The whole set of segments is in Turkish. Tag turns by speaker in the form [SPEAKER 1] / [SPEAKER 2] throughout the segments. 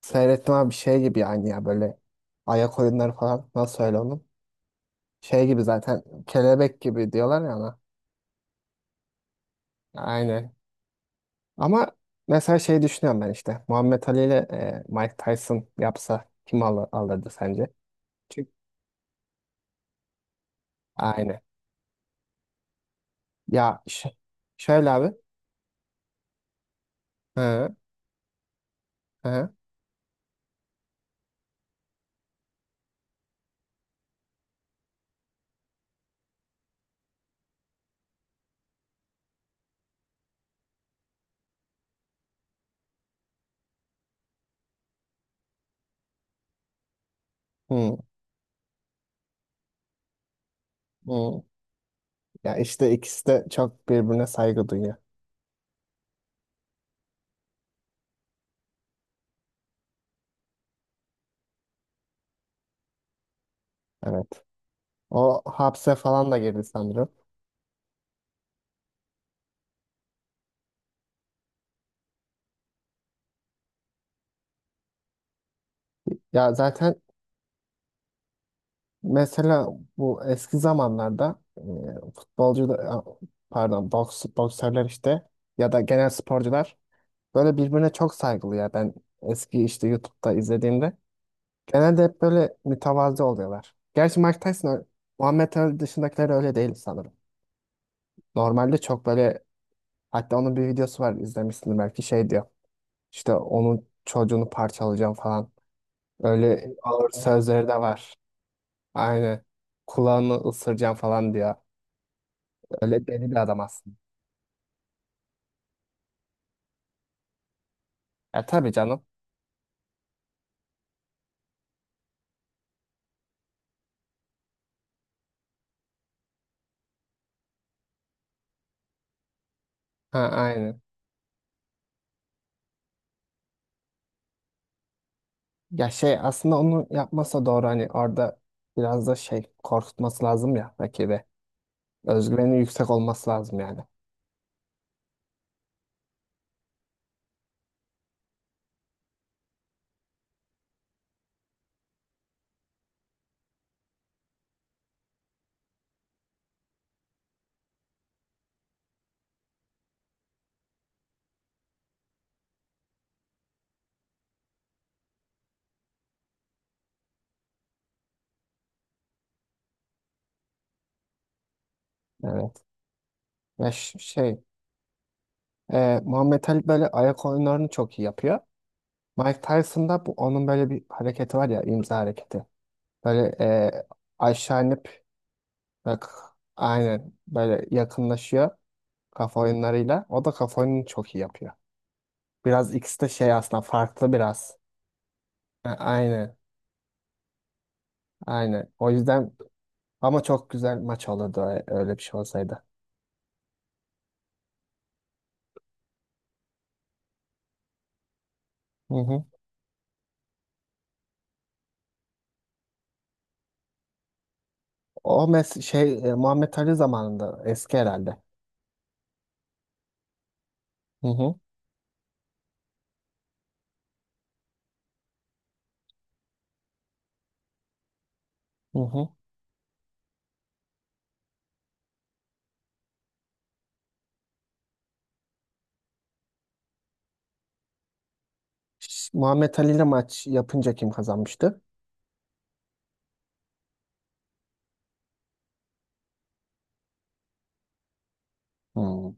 [SPEAKER 1] Seyrettim abi şey gibi yani ya böyle ayak oyunları falan nasıl öyle onun? Şey gibi zaten kelebek gibi diyorlar ya ona. Aynen. Ama mesela şey düşünüyorum ben işte Muhammed Ali ile Mike Tyson yapsa kim alır, alırdı sence? Çünkü aynen. Ya ş- Şöyle abi. Hı, hı, hı, hı. Ya işte ikisi de çok birbirine saygı duyuyor. Evet. O hapse falan da girdi sanırım. Ya zaten mesela bu eski zamanlarda pardon boksörler işte ya da genel sporcular böyle birbirine çok saygılı ya ben eski işte YouTube'da izlediğimde genelde hep böyle mütevazı oluyorlar. Gerçi Mike Tyson ö- Muhammed Ali dışındakiler öyle değil sanırım. Normalde çok böyle hatta onun bir videosu var izlemişsin belki şey diyor işte onun çocuğunu parçalayacağım falan öyle ağır sözleri de var. Aynen kulağını ısıracağım falan diyor. Öyle deli bir adam aslında. Ya tabii canım. Ha aynı. Ya şey aslında onu yapmasa doğru hani orada biraz da şey korkutması lazım ya rakibi. Özgüveni yüksek olması lazım yani. Evet. Ya ş- şey Muhammed Ali böyle ayak oyunlarını çok iyi yapıyor. Mike Tyson'da bu onun böyle bir hareketi var ya imza hareketi. Böyle aşağı inip bak aynen böyle yakınlaşıyor kafa oyunlarıyla. O da kafa oyununu çok iyi yapıyor. Biraz ikisi de şey aslında farklı biraz. Aynen. Aynen. O yüzden ama çok güzel maç olurdu öyle bir şey olsaydı. Hı hı. O mes şey Muhammed Ali zamanında eski herhalde. Hı hı. Hı hı. Muhammed Ali ile maç yapınca kim kazanmıştı? Hmm.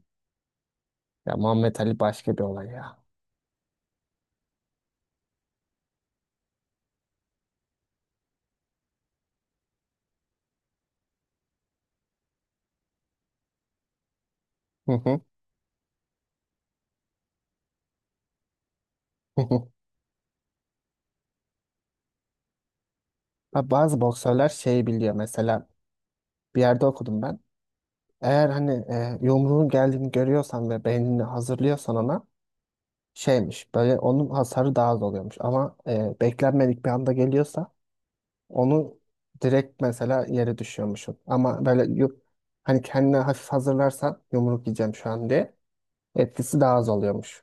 [SPEAKER 1] Ya Muhammed Ali başka bir olay ya. Hı hı. Hı hı. Ha, bazı boksörler şeyi biliyor mesela bir yerde okudum ben. Eğer hani yumruğun geldiğini görüyorsan ve beynini hazırlıyorsan ona şeymiş böyle onun hasarı daha az oluyormuş ama beklenmedik bir anda geliyorsa onu direkt mesela yere düşüyormuşum. Hani kendine hafif hazırlarsan yumruk yiyeceğim şu an diye etkisi daha az oluyormuş.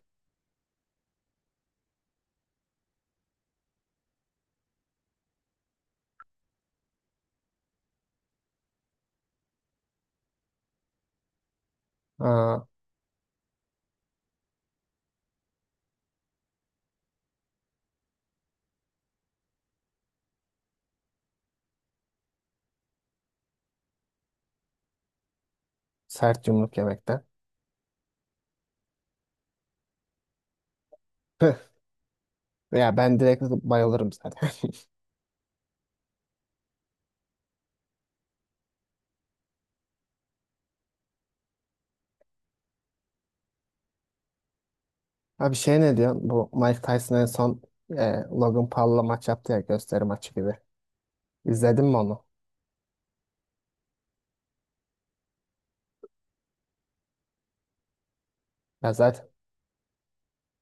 [SPEAKER 1] Aa, sert yumruk yemekten. Püh. Ya ben direkt bayılırım zaten. Abi şey ne diyorsun? Bu Mike Tyson en son e, Logan Paul'la maç yaptı ya gösteri maçı gibi. İzledin mi onu? Ya zaten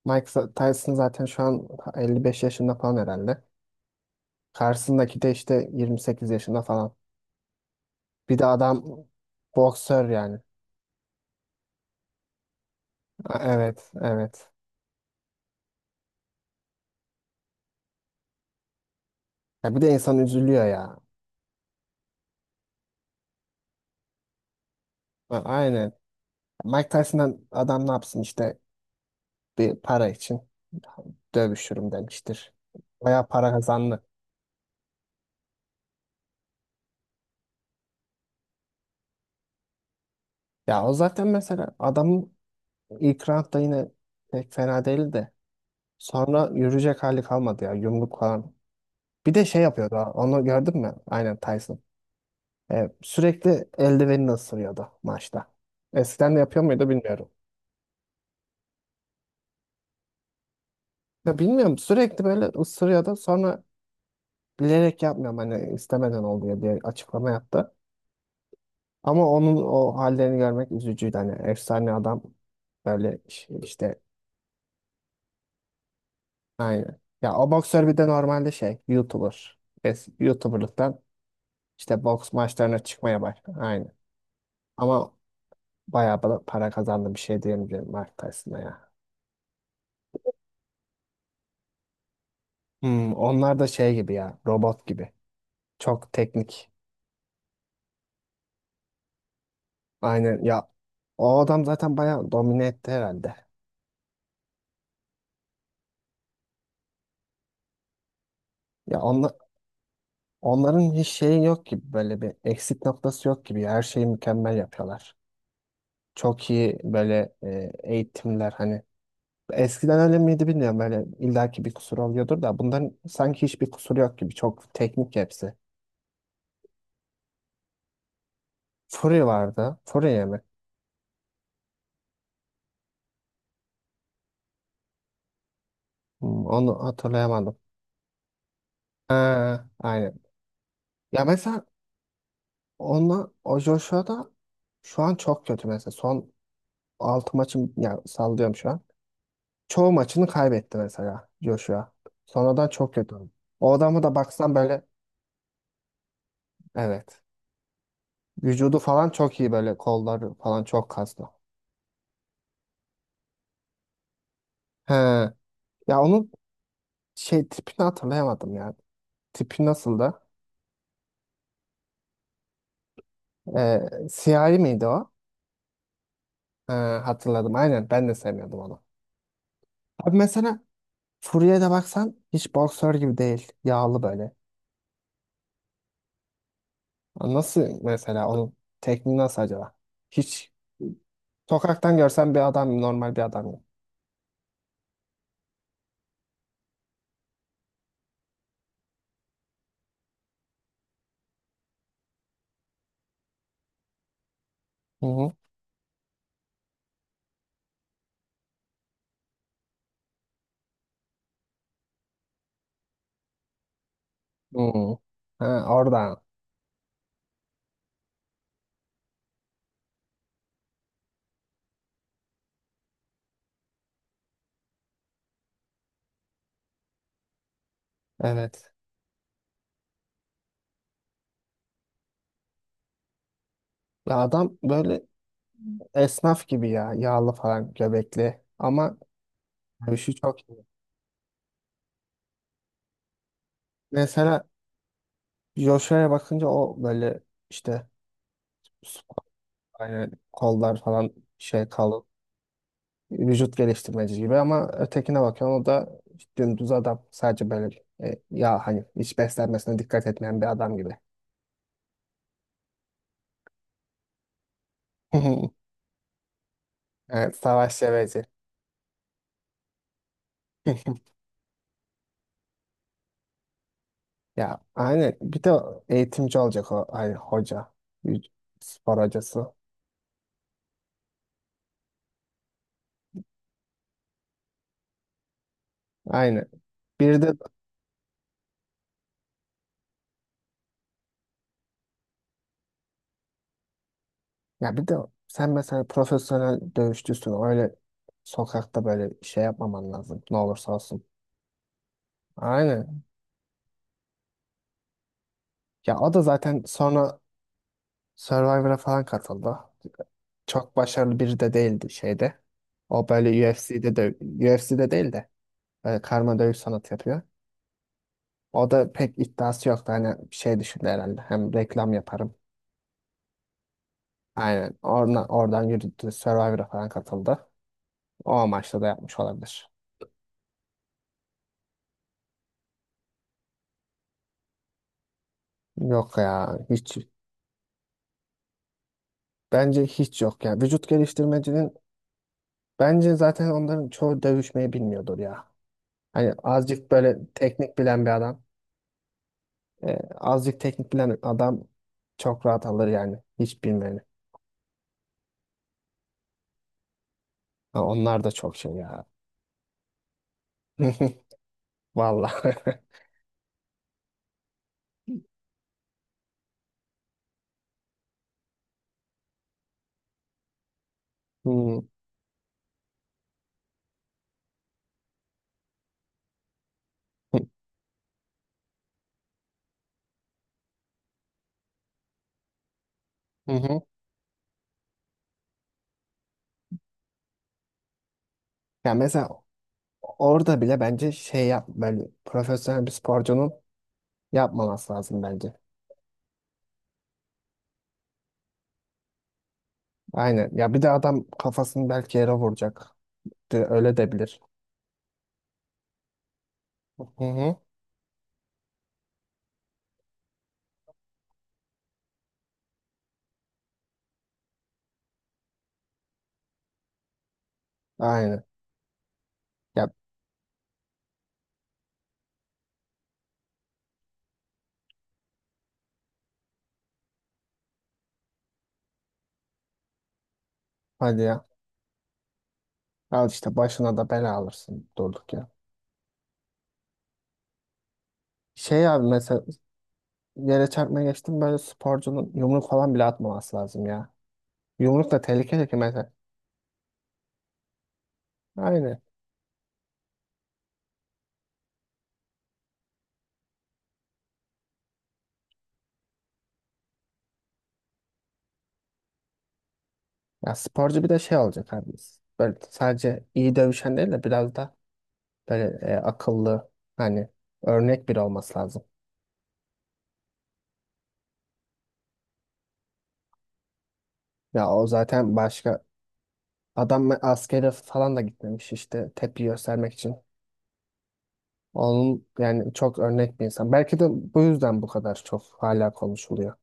[SPEAKER 1] Mike Tyson zaten şu an 55 yaşında falan herhalde. Karşısındaki de işte 28 yaşında falan. Bir de adam boksör yani. Evet, evet. Ya bir de insan üzülüyor ya. Aynen. Mike Tyson'dan adam ne yapsın işte bir para için dövüşürüm demiştir. Bayağı para kazandı. Ya o zaten mesela adamın ilk roundda yine pek fena değildi de. Sonra yürüyecek hali kalmadı ya yumruk falan. Bir de şey yapıyordu ha, onu gördün mü? Aynen Tyson. E, sürekli eldivenini ısırıyordu maçta. Eskiden de yapıyor muydu bilmiyorum. Ya bilmiyorum sürekli böyle ısırıyordu sonra bilerek yapmıyorum hani istemeden oldu ya bir açıklama yaptı. Ama onun o hallerini görmek üzücüydü hani efsane adam böyle işte aynı. Ya o boksör bir de normalde şey YouTuber. YouTuber'lıktan işte boks maçlarına çıkmaya başladı. Aynı. Ama bayağı bana para kazandı bir şey diyebilirim Mike Tyson'a ya. Hmm, onlar da şey gibi ya robot gibi. Çok teknik. Aynen ya o adam zaten bayağı domine etti herhalde. Ya onlar, onların hiç şeyi yok gibi böyle bir eksik noktası yok gibi her şeyi mükemmel yapıyorlar. Çok iyi böyle eğitimler hani eskiden öyle miydi bilmiyorum böyle illaki bir kusur oluyordur da bunların sanki hiçbir kusur yok gibi çok teknik hepsi. Fury vardı. Fury mi? Hmm, onu hatırlayamadım. Ha, aynen. Ya mesela onunla o Joshua da şu an çok kötü mesela son 6 maçım ya sallıyorum şu an. Çoğu maçını kaybetti mesela Joshua. Sonradan çok kötü oldu. O adamı da baksan böyle evet. Vücudu falan çok iyi böyle kolları falan çok kaslı. He. Ya onun şey tipini hatırlayamadım ya. Tipi nasıldı? Ee, siyahi miydi o? Hatırladım aynen ben de sevmiyordum onu. Abi mesela Fury'e de baksan hiç boksör gibi değil. Yağlı böyle. Ya nasıl mesela onun tekniği nasıl acaba? Hiç sokaktan görsen bir adam normal bir adam gibi. Hı hı. Hmm. Ha, oradan. Evet. Ya adam böyle esnaf gibi ya. Yağlı falan göbekli. Ama dövüşü çok iyi. Mesela Joshua'ya bakınca o böyle işte yani kollar falan şey kalın. Vücut geliştirmeci gibi ama ötekine bakıyorsun o da dümdüz adam. Sadece böyle ya hani hiç beslenmesine dikkat etmeyen bir adam gibi. Evet, savaş seveci. Ya aynen bir de eğitimci olacak hoca. Bir spor hocası. Aynen. Bir de ya bir de sen mesela profesyonel dövüşçüsün. Öyle sokakta böyle şey yapmaman lazım. Ne olursa olsun. Aynen. Ya o da zaten sonra Survivor'a falan katıldı. Çok başarılı biri de değildi şeyde. O böyle UFC'de değil de böyle karma dövüş sanatı yapıyor. O da pek iddiası yoktu. Hani şey düşündü herhalde. Hem reklam yaparım. Aynen. Oradan yürüdü. Survivor'a falan katıldı. O amaçla da yapmış olabilir. Yok ya. Hiç. Bence hiç yok ya. Vücut geliştirmecinin bence zaten onların çoğu dövüşmeyi bilmiyordur ya. Hani azıcık böyle teknik bilen bir adam. Azıcık teknik bilen adam çok rahat alır yani. Hiç bilmeyeni. Ha, onlar da çok şey ya. Vallahi. Hmm. Hı hı. Ya mesela orada bile bence şey yap böyle profesyonel bir sporcunun yapmaması lazım bence. Aynen. Ya bir de adam kafasını belki yere vuracak. Öyle de bilir. Hı hı. Aynen. Ya hadi ya. Al işte başına da bela alırsın durduk ya. Şey abi mesela yere çarpmaya geçtim böyle sporcunun yumruk falan bile atmaması lazım ya. Yumruk da tehlikeli ki mesela. Aynen. Ya sporcu bir de şey olacak abi. Böyle sadece iyi dövüşen değil de biraz da böyle akıllı hani örnek biri olması lazım. Ya o zaten başka adam askere falan da gitmemiş işte tepki göstermek için. Onun yani çok örnek bir insan. Belki de bu yüzden bu kadar çok hala konuşuluyor.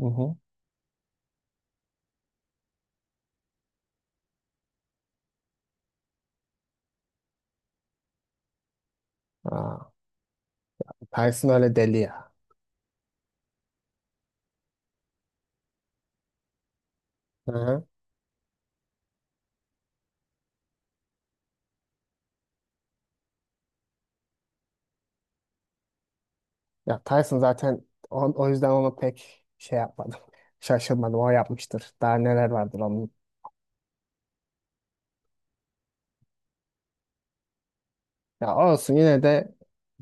[SPEAKER 1] Hı hı. Aa, Tyson öyle deli ya. Hı hı. Ya Tyson zaten o yüzden onu pek şey yapmadım. Şaşırmadım. O yapmıştır. Daha neler vardır onun. Ya olsun yine de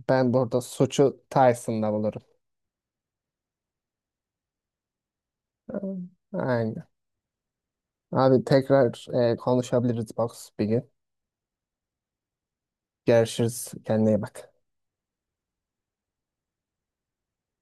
[SPEAKER 1] ben burada suçu Tyson'da bulurum. Aynen. Abi tekrar konuşabiliriz box bir gün. Görüşürüz. Kendine iyi bak.